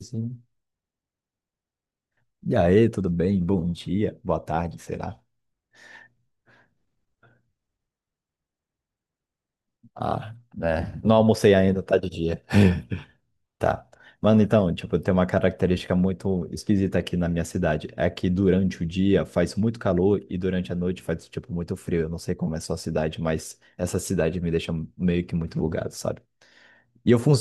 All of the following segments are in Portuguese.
Sim. E aí, tudo bem? Bom dia, boa tarde, sei lá. Ah, né? Não almocei ainda, tá de dia. Tá. Mano, então, tipo, tem uma característica muito esquisita aqui na minha cidade. É que durante o dia faz muito calor e durante a noite faz, tipo, muito frio. Eu não sei como é a sua cidade, mas essa cidade me deixa meio que muito bugado, sabe? E eu fun-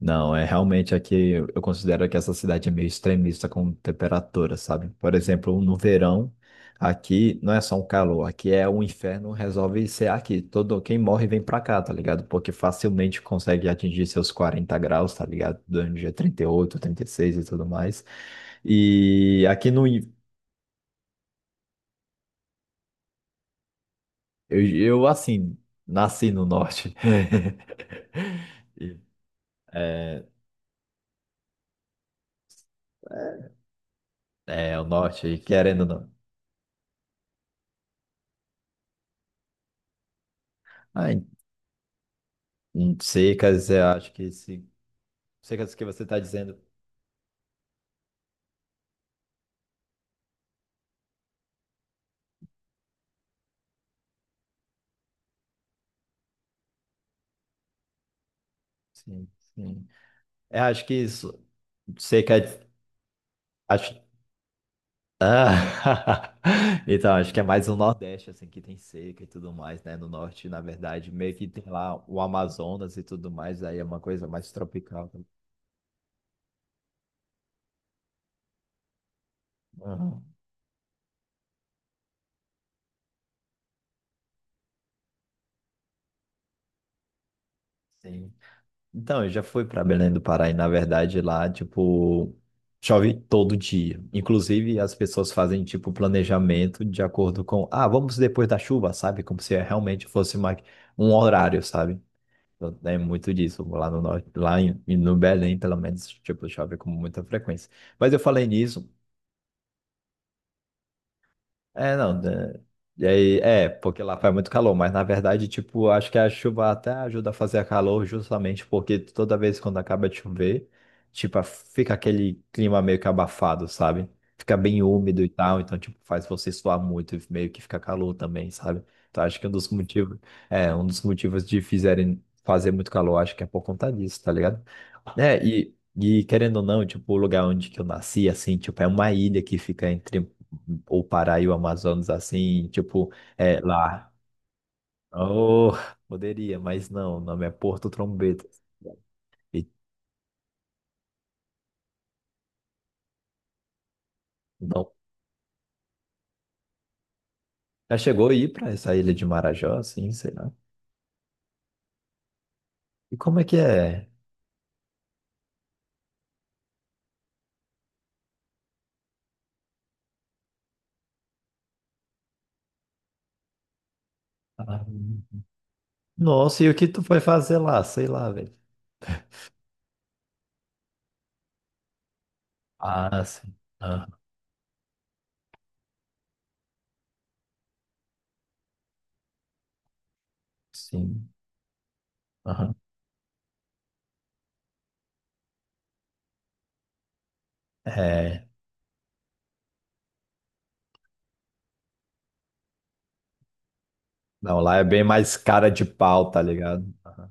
Não, é realmente aqui eu considero que essa cidade é meio extremista com temperatura, sabe? Por exemplo, no verão, aqui não é só um calor, aqui é um inferno, resolve ser aqui. Todo quem morre vem pra cá, tá ligado? Porque facilmente consegue atingir seus 40 graus, tá ligado? Durante o dia 38, 36 e seis e tudo mais. E aqui no. in- Eu assim, nasci no norte. E, é, é, o norte, querendo ou não. Ah, secas, eu acho que se secas que você está dizendo, sim, sim. Eu acho que isso, seca, acho, ah, então acho que é mais o Nordeste assim que tem seca e tudo mais, né? No Norte, na verdade, meio que tem lá o Amazonas e tudo mais, aí é uma coisa mais tropical. Uhum. Sim. Então, eu já fui para Belém do Pará e, na verdade, lá, tipo, chove todo dia. Inclusive, as pessoas fazem, tipo, planejamento de acordo com, ah, vamos depois da chuva, sabe? Como se realmente fosse uma, um horário, sabe? Então, é muito disso. Lá no norte, no Belém, pelo menos, tipo, chove com muita frequência. Mas eu falei nisso. É, não, né? E aí, é, porque lá faz muito calor, mas na verdade, tipo, acho que a chuva até ajuda a fazer calor justamente porque toda vez quando acaba de chover, tipo, fica aquele clima meio que abafado, sabe? Fica bem úmido e tal, então, tipo, faz você suar muito e meio que fica calor também, sabe? Então, acho que um dos motivos, é, um dos motivos de fizerem fazer muito calor, acho que é por conta disso, tá ligado? É, e querendo ou não, tipo, o lugar onde que eu nasci, assim, tipo, é uma ilha que fica entre o Pará e o Amazonas assim, tipo, é lá. Oh, poderia, mas não, o nome é Porto Trombetas. E não. Já chegou a ir para essa ilha de Marajó, assim, sei lá. E como é que é? Ah, nossa, e o que tu foi fazer lá? Sei lá, velho. Ah, sim. Ah, sim. Aham. É. Não, lá é bem mais cara de pau, tá ligado? Aham.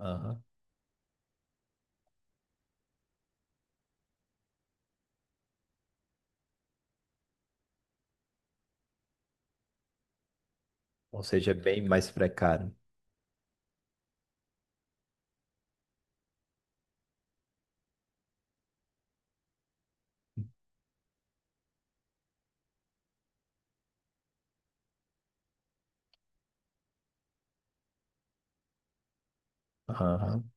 Aham. Ou seja, é bem mais precário. Aham.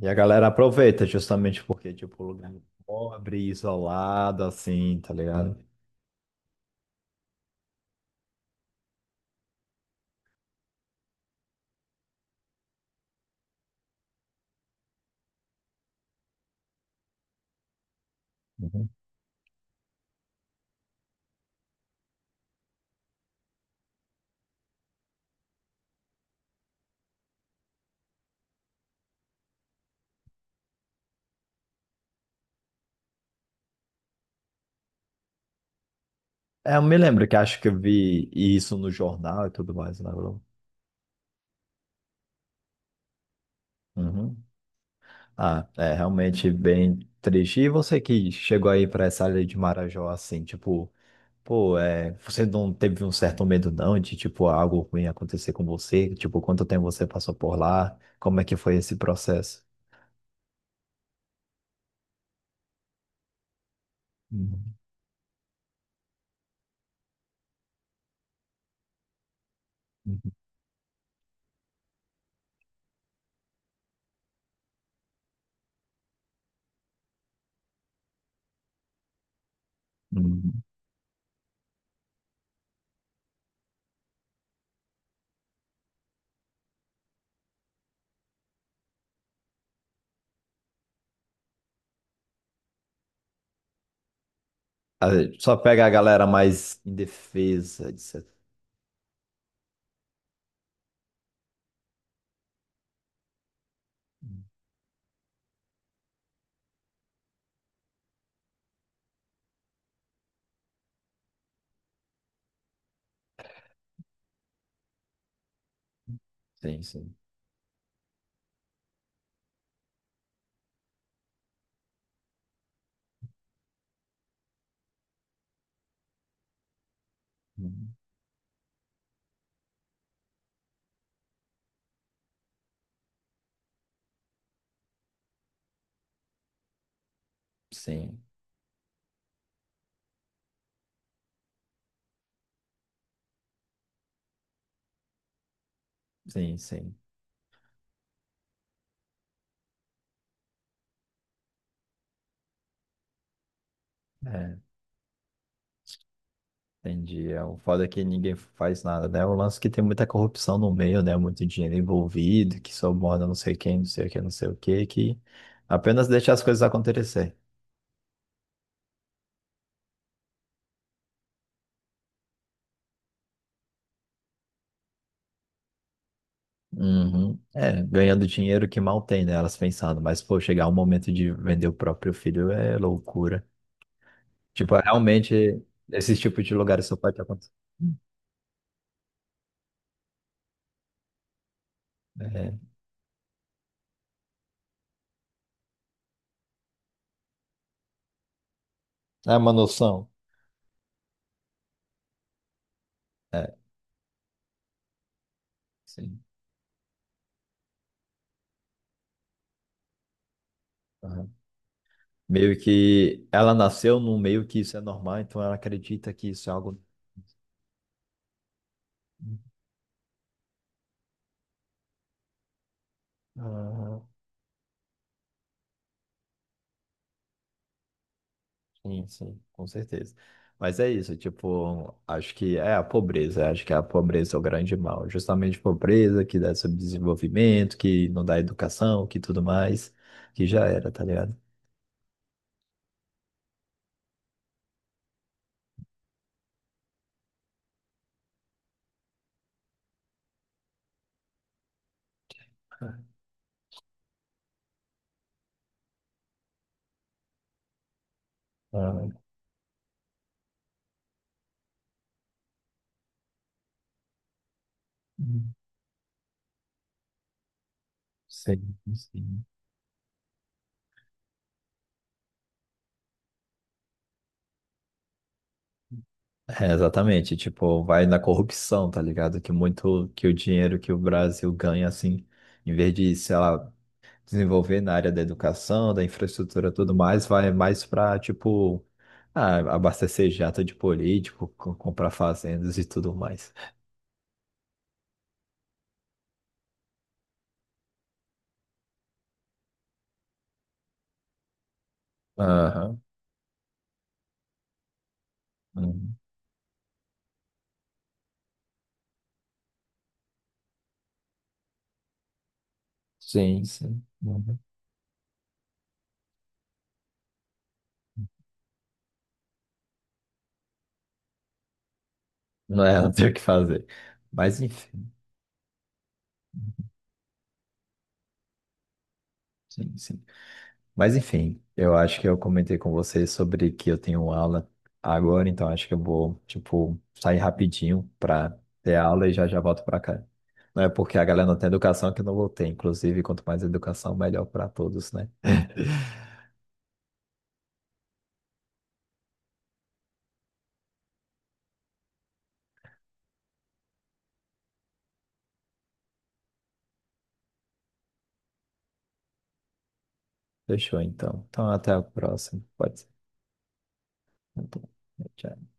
E a galera aproveita justamente porque, tipo, lugar pobre, isolado, assim, tá ligado? Uhum. É, eu me lembro que acho que eu vi isso no jornal e tudo mais, né, Bruno? Uhum. Ah, é realmente bem triste. E você que chegou aí pra essa área de Marajó, assim, tipo, pô, é, você não teve um certo medo, não, de, tipo, algo ruim acontecer com você? Tipo, quanto tempo você passou por lá? Como é que foi esse processo? Uhum. Uhum. A gente só pega a galera mais indefesa, de. Sim, sim. Uhum. Sim, sim, sim. É, entendi. É, o foda é que ninguém faz nada, né? O lance é que tem muita corrupção no meio, né? Muito dinheiro envolvido, que suborna não sei quem, não sei o que, não sei o que, que apenas deixa as coisas acontecer. Uhum. É, ganhando dinheiro que mal tem, né? Elas pensando, mas pô, chegar o momento de vender o próprio filho é loucura. Tipo, realmente, esse tipo de lugares só pode acontecer. É. É uma noção. É, sim. Aham. Meio que ela nasceu num meio que isso é normal, então ela acredita que isso é algo. Aham, sim, sim, com certeza. Mas é isso, tipo, acho que é a pobreza, acho que a pobreza é o grande mal. Justamente pobreza que dá subdesenvolvimento, que não dá educação, que tudo mais, que já era, tá ligado? Aham. Sim, sim. É, exatamente, tipo, vai na corrupção, tá ligado? Que muito que o dinheiro que o Brasil ganha, assim, em vez de, sei lá, desenvolver na área da educação, da infraestrutura, e tudo mais, vai mais pra, tipo, ah, abastecer jato de político, comprar fazendas e tudo mais. Aham. Uhum. Sim, sim. Uhum. Não é, não tem o que fazer. Mas, enfim, sim, sim. Mas enfim, eu acho que eu comentei com vocês sobre que eu tenho aula agora, então acho que eu vou, tipo, sair rapidinho para ter aula e já já volto para cá. Não é porque a galera não tem educação que eu não vou ter, inclusive, quanto mais educação, melhor para todos, né? Fechou, então. Então, até a próxima. Pode ser. Então, tchau.